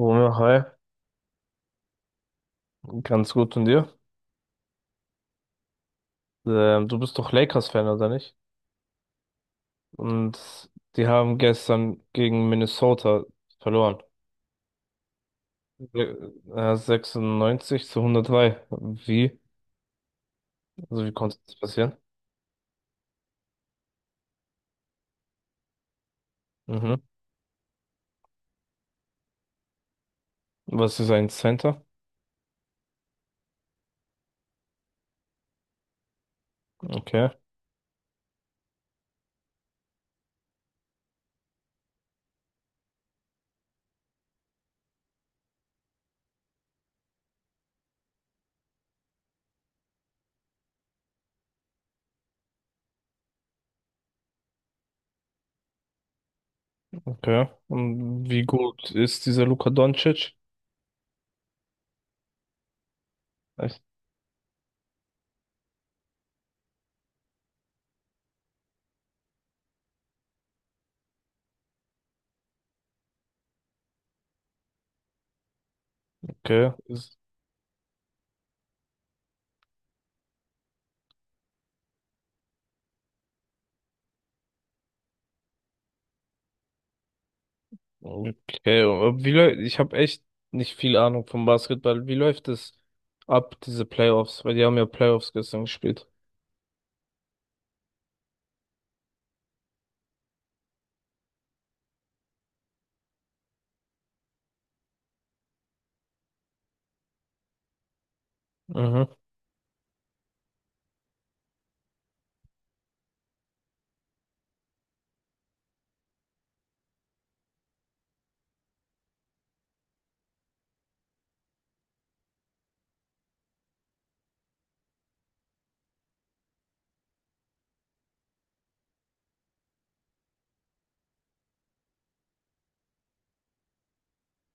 Romeo, hi, ganz gut und dir? Du bist doch Lakers-Fan, oder nicht? Und die haben gestern gegen Minnesota verloren. 96 zu 103. Wie? Also wie konnte das passieren? Mhm. Was ist ein Center? Okay, okay. Und wie gut ist dieser Luka Doncic? Echt? Okay. Okay. Und ich habe echt nicht viel Ahnung vom Basketball. Wie läuft es ab, diese Playoffs? Weil die haben ja Playoffs gestern gespielt. Mhm.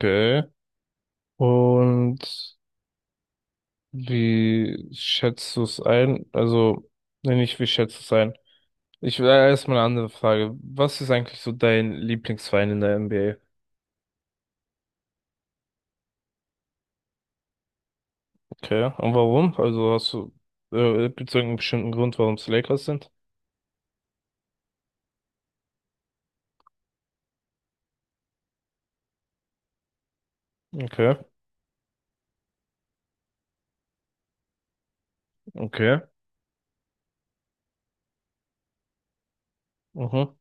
Okay. Und wie schätzt du es ein? Also, nee, nicht wie schätzt du es ein? Ich will erstmal eine andere Frage. Was ist eigentlich so dein Lieblingsverein in der NBA? Okay. Und warum? Also gibt es irgendeinen bestimmten Grund, warum es Lakers sind? Okay. Okay. Mhm.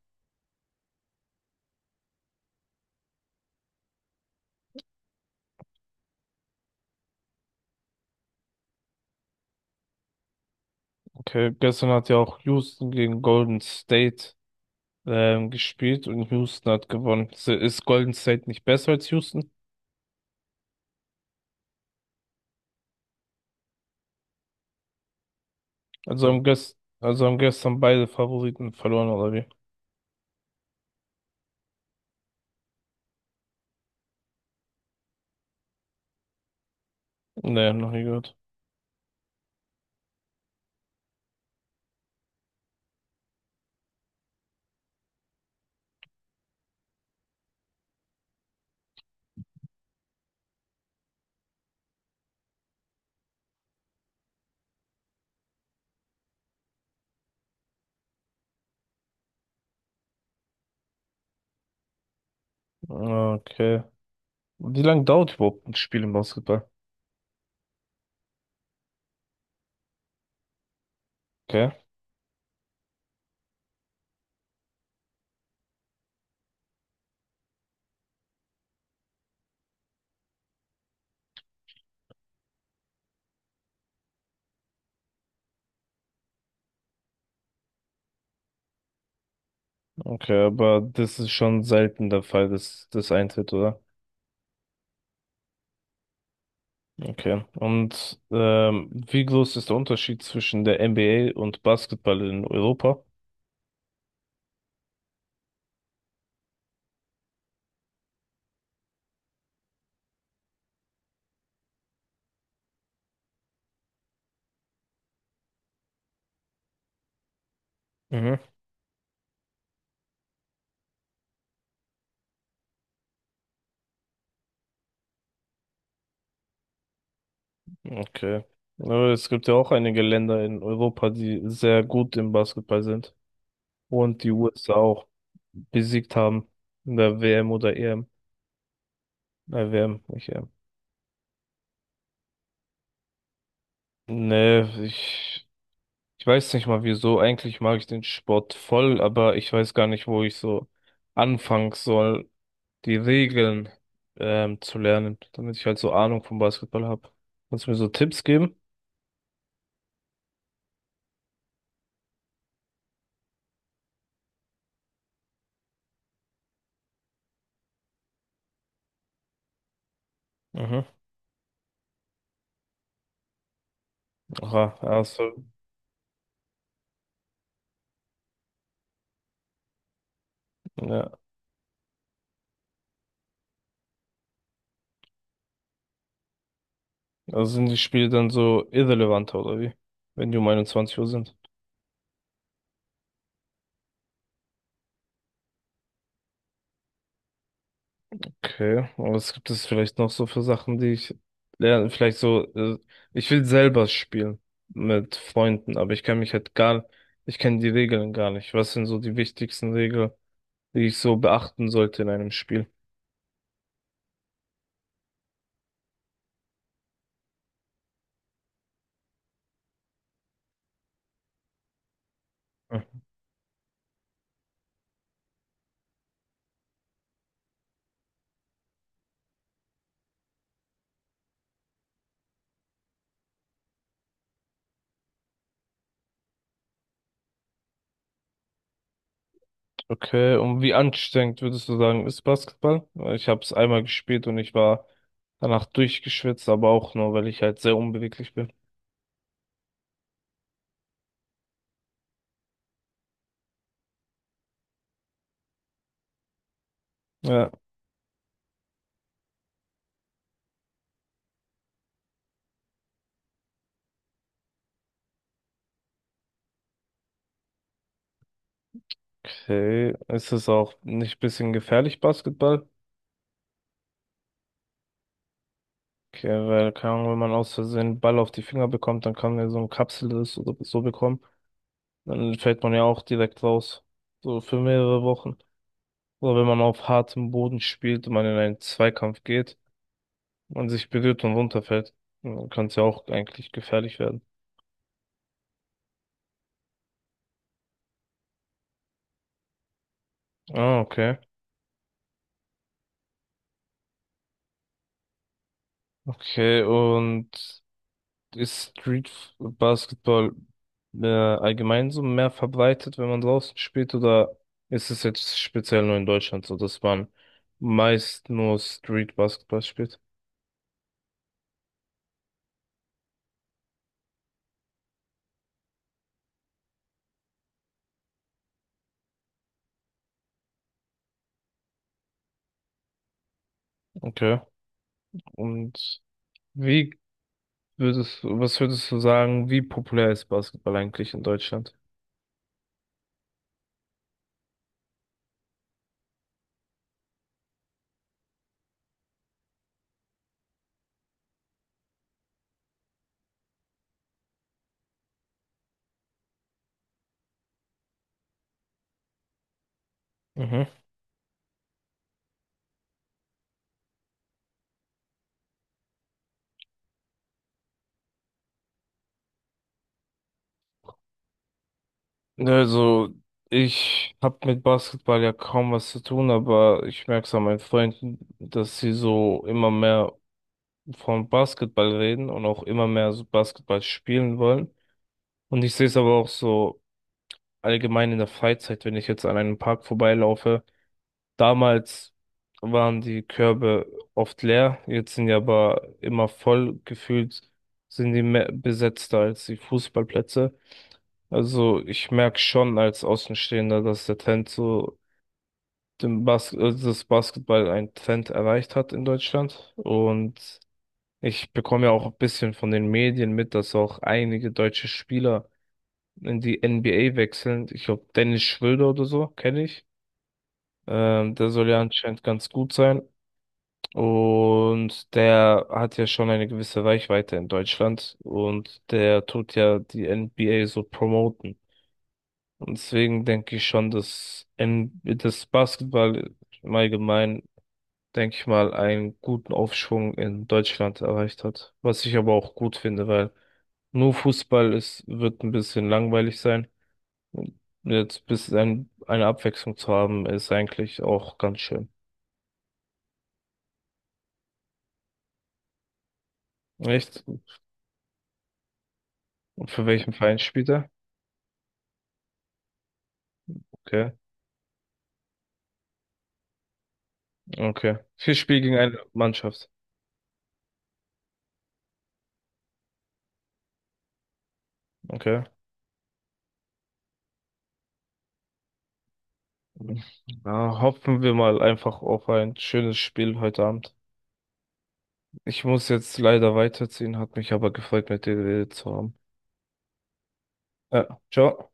Okay. Gestern hat ja auch Houston gegen Golden State gespielt und Houston hat gewonnen. Ist Golden State nicht besser als Houston? Also haben gestern beide Favoriten verloren, oder wie? Nee, noch nie gehört. Okay. Wie lange dauert überhaupt ein Spiel im Basketball? Okay, okay, aber das ist schon selten der Fall, dass das eintritt, oder? Okay. Und wie groß ist der Unterschied zwischen der NBA und Basketball in Europa? Mhm. Okay. Aber es gibt ja auch einige Länder in Europa, die sehr gut im Basketball sind und die USA auch besiegt haben in der WM oder EM. WM, nicht EM. Nee, ich weiß nicht mal wieso. Eigentlich mag ich den Sport voll, aber ich weiß gar nicht, wo ich so anfangen soll, die Regeln zu lernen, damit ich halt so Ahnung vom Basketball habe. Kannst du mir so Tipps geben? Mhm. Aha, also, ja. Also sind die Spiele dann so irrelevanter oder wie? Wenn die um 21 Uhr sind. Okay, aber was gibt es vielleicht noch so für Sachen, die ich lerne? Vielleicht so, ich will selber spielen mit Freunden, aber ich kann mich halt gar, ich kenne die Regeln gar nicht. Was sind so die wichtigsten Regeln, die ich so beachten sollte in einem Spiel? Hm. Okay, und wie anstrengend würdest du sagen, ist Basketball? Weil ich habe es einmal gespielt und ich war danach durchgeschwitzt, aber auch nur, weil ich halt sehr unbeweglich bin. Ja, okay. Ist es auch nicht ein bisschen gefährlich, Basketball? Okay, weil, keine Ahnung, wenn man aus Versehen einen Ball auf die Finger bekommt, dann kann man ja so eine Kapsel das oder so bekommen. Dann fällt man ja auch direkt raus. So für mehrere Wochen. Oder wenn man auf hartem Boden spielt und man in einen Zweikampf geht und sich berührt und runterfällt, dann kann es ja auch eigentlich gefährlich werden. Ah, okay. Okay, und ist Street Basketball allgemein so mehr verbreitet, wenn man draußen spielt, oder ist es jetzt speziell nur in Deutschland so, dass man meist nur Street Basketball spielt? Okay. Und wie was würdest du sagen, wie populär ist Basketball eigentlich in Deutschland? Mhm. Also, ich habe mit Basketball ja kaum was zu tun, aber ich merke es an meinen Freunden, dass sie so immer mehr von Basketball reden und auch immer mehr so Basketball spielen wollen. Und ich sehe es aber auch so allgemein in der Freizeit, wenn ich jetzt an einem Park vorbeilaufe. Damals waren die Körbe oft leer, jetzt sind die aber immer voll gefühlt, sind die mehr besetzter als die Fußballplätze. Also ich merke schon als Außenstehender, dass der Trend so dem Bas das Basketball einen Trend erreicht hat in Deutschland. Und ich bekomme ja auch ein bisschen von den Medien mit, dass auch einige deutsche Spieler in die NBA wechseln. Ich glaube, Dennis Schröder oder so, kenne ich. Der soll ja anscheinend ganz gut sein. Und der hat ja schon eine gewisse Reichweite in Deutschland. Und der tut ja die NBA so promoten. Und deswegen denke ich schon, dass das Basketball im Allgemeinen, denke ich mal, einen guten Aufschwung in Deutschland erreicht hat. Was ich aber auch gut finde, weil nur Fußball ist, wird ein bisschen langweilig sein. Jetzt bis eine Abwechslung zu haben, ist eigentlich auch ganz schön. Echt? Und für welchen Verein spielt er? Okay. Okay. Vier Spiele gegen eine Mannschaft. Okay. Na, hoffen wir mal einfach auf ein schönes Spiel heute Abend. Ich muss jetzt leider weiterziehen, hat mich aber gefreut, mit dir geredet zu haben. Ja, ciao.